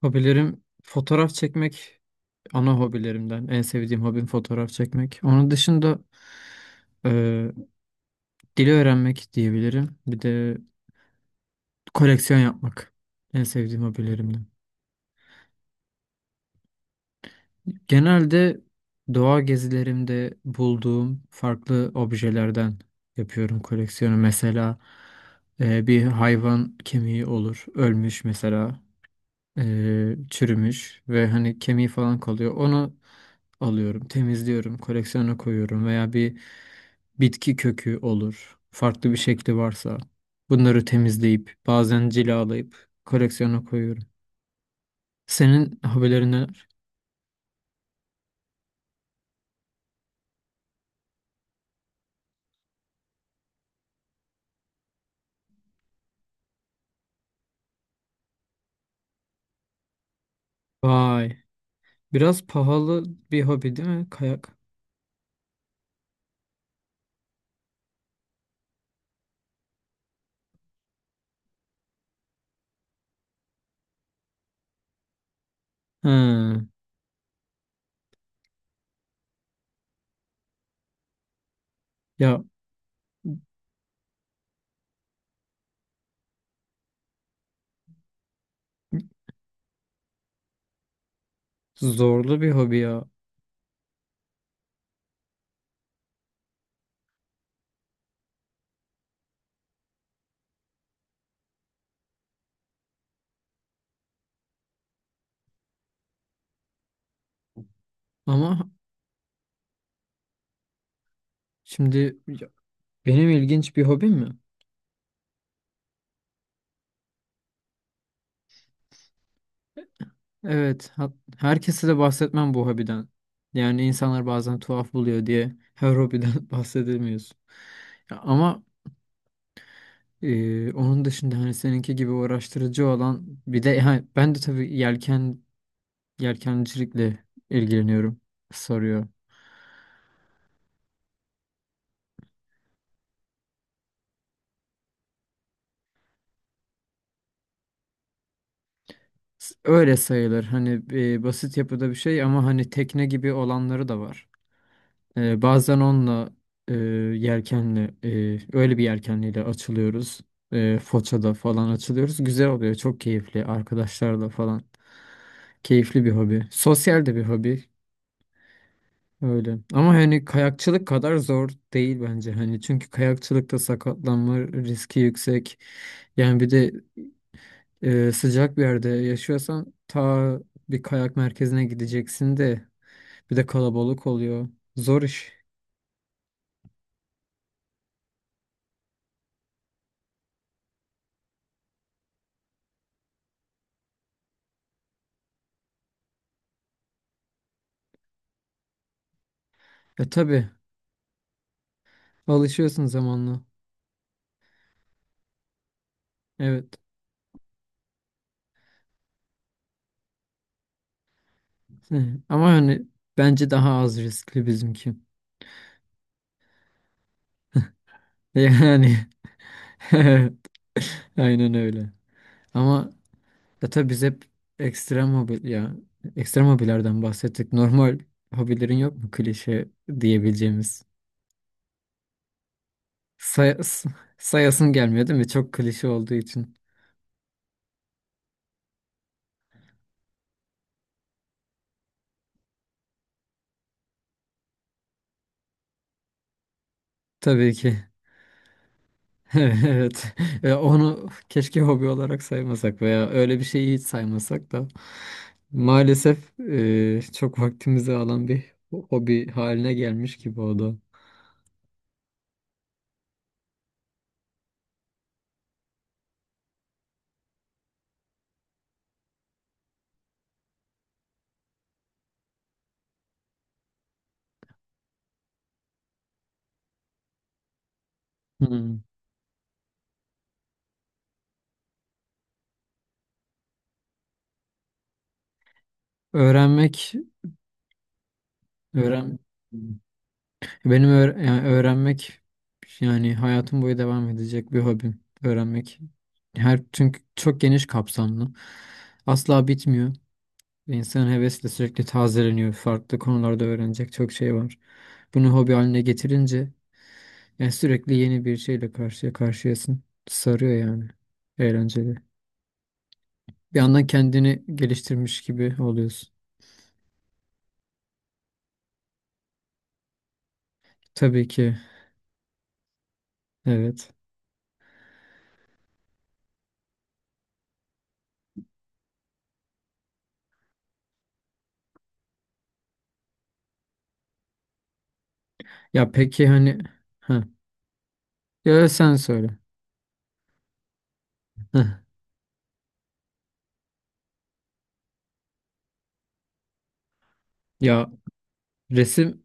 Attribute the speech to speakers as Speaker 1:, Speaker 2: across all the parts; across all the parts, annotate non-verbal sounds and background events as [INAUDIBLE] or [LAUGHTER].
Speaker 1: Hobilerim fotoğraf çekmek ana hobilerimden. En sevdiğim hobim fotoğraf çekmek. Onun dışında e, dili öğrenmek diyebilirim. Bir de koleksiyon yapmak. En sevdiğim hobilerimden. Genelde doğa gezilerimde bulduğum farklı objelerden yapıyorum koleksiyonu. Mesela bir hayvan kemiği olur. Ölmüş mesela. Çürümüş ve hani kemiği falan kalıyor. Onu alıyorum, temizliyorum, koleksiyona koyuyorum veya bir bitki kökü olur. Farklı bir şekli varsa bunları temizleyip bazen cilalayıp koleksiyona koyuyorum. Senin hobilerin neler? Vay, biraz pahalı bir hobi değil mi kayak? He, ya, zorlu bir hobi ya. Ama şimdi ya, benim ilginç bir hobim mi? Evet, herkese de bahsetmem bu hobiden. Yani insanlar bazen tuhaf buluyor diye her hobiden [LAUGHS] bahsedemiyorsun. Ya ama onun dışında hani seninki gibi uğraştırıcı olan bir de ha, ben de tabii yelkencilikle ilgileniyorum soruyor. Öyle sayılır hani basit yapıda bir şey ama hani tekne gibi olanları da var. Bazen onunla e, yelkenle öyle bir yelkenliyle açılıyoruz. Foça'da falan açılıyoruz. Güzel oluyor. Çok keyifli. Arkadaşlarla falan. Keyifli bir hobi. Sosyal de bir hobi. Öyle. Ama hani kayakçılık kadar zor değil bence. Hani çünkü kayakçılıkta sakatlanma riski yüksek. Yani bir de sıcak bir yerde yaşıyorsan ta bir kayak merkezine gideceksin de bir de kalabalık oluyor. Zor iş. Tabii. Alışıyorsun zamanla. Evet. [LAUGHS] Hı. Ama hani bence daha az riskli bizimki. Yani [LAUGHS] evet. Aynen öyle. Ama ya tabii biz hep ekstrem hobi ya ekstrem hobilerden bahsettik. Normal hobilerin yok mu klişe diyebileceğimiz? Say s- sayasım gelmiyor değil mi? Çok klişe olduğu için. Tabii ki. [LAUGHS] Evet. Ve onu keşke hobi olarak saymasak veya öyle bir şeyi hiç saymasak da maalesef çok vaktimizi alan bir hobi haline gelmiş gibi o da. Hmm. Öğrenmek, öğren benim öğ- yani öğrenmek yani hayatım boyu devam edecek bir hobim. Öğrenmek çünkü çok geniş kapsamlı. Asla bitmiyor. Ve İnsanın hevesle sürekli tazeleniyor. Farklı konularda öğrenecek çok şey var. Bunu hobi haline getirince yani sürekli yeni bir şeyle karşıya karşıyasın. Sarıyor yani. Eğlenceli. Bir yandan kendini geliştirmiş gibi oluyorsun. Tabii ki. Evet. Ya peki hani ha. Ya sen söyle. Heh. Ya resim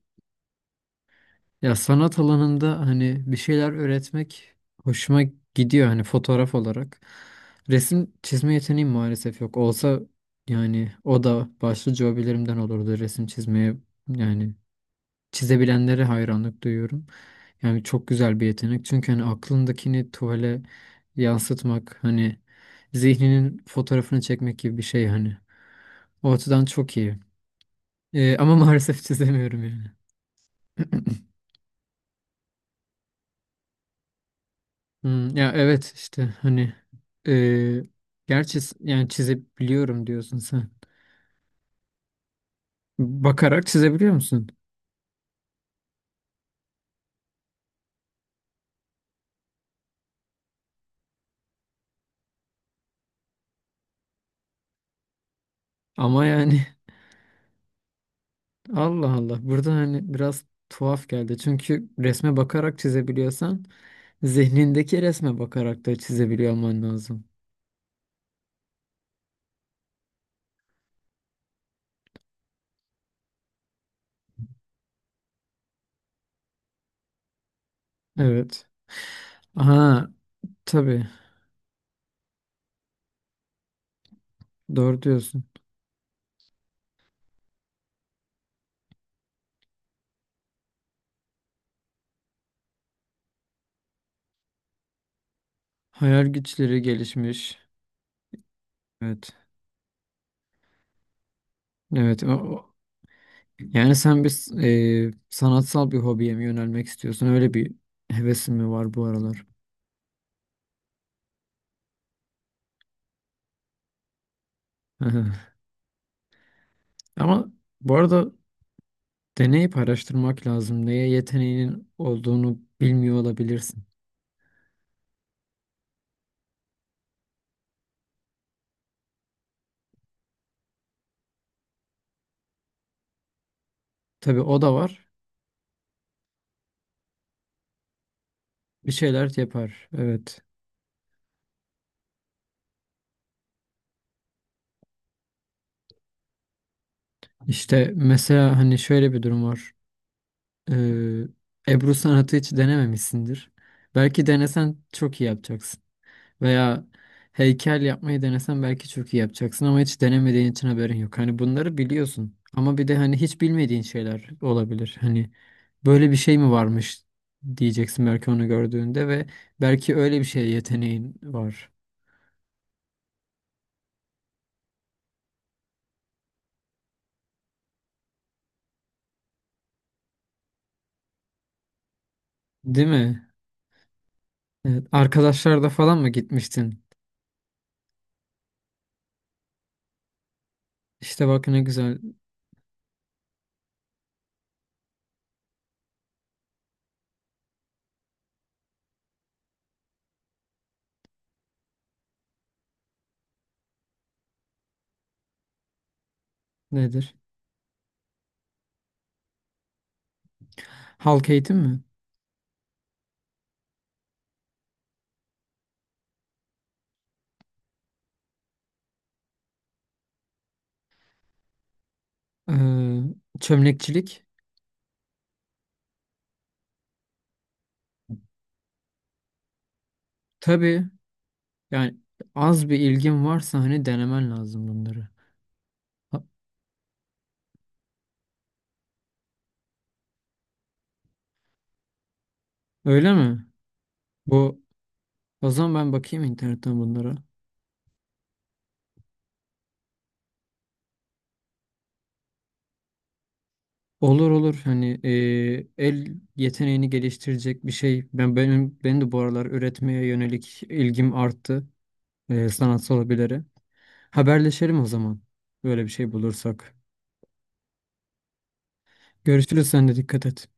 Speaker 1: Ya sanat alanında hani bir şeyler öğretmek hoşuma gidiyor hani fotoğraf olarak. Resim çizme yeteneğim maalesef yok. Olsa yani o da başlıca hobilerimden olurdu resim çizmeye. Yani çizebilenlere hayranlık duyuyorum. Yani çok güzel bir yetenek. Çünkü hani aklındakini tuvale yansıtmak hani zihninin fotoğrafını çekmek gibi bir şey hani. O açıdan çok iyi. Ama [LAUGHS] maalesef çizemiyorum yani. Hmm, ya evet işte hani e, gerçi yani çizebiliyorum diyorsun sen. Bakarak çizebiliyor musun? Ama yani [LAUGHS] Allah Allah burada hani biraz tuhaf geldi. Çünkü resme bakarak çizebiliyorsan zihnindeki resme bakarak da çizebiliyor olman lazım. Evet. Aha, tabii doğru diyorsun. Hayal güçleri gelişmiş. Evet. Evet. Yani sen bir sanatsal bir hobiye mi yönelmek istiyorsun? Öyle bir hevesin mi var bu aralar? Aha. Ama bu arada deneyip araştırmak lazım. Neye yeteneğinin olduğunu bilmiyor olabilirsin. Tabii o da var. Bir şeyler yapar. Evet. İşte mesela hani şöyle bir durum var. Ee, Ebru sanatı hiç denememişsindir. Belki denesen çok iyi yapacaksın. Veya heykel yapmayı denesen belki çok iyi yapacaksın ama hiç denemediğin için haberin yok. Hani bunları biliyorsun. Ama bir de hani hiç bilmediğin şeyler olabilir. Hani böyle bir şey mi varmış diyeceksin belki onu gördüğünde ve belki öyle bir şeye yeteneğin var. Değil mi? Evet. Arkadaşlar da falan mı gitmiştin? İşte bak ne güzel. Nedir? Halk eğitim mi? Çömlekçilik. Tabii yani az bir ilgin varsa hani denemen lazım bunları. Ha, öyle mi? Bu O zaman ben bakayım internetten bunlara. Olur olur hani el yeteneğini geliştirecek bir şey. Benim de bu aralar üretmeye yönelik ilgim arttı sanatsal hobilere. Haberleşelim o zaman. Böyle bir şey bulursak. Görüşürüz, sen de dikkat et.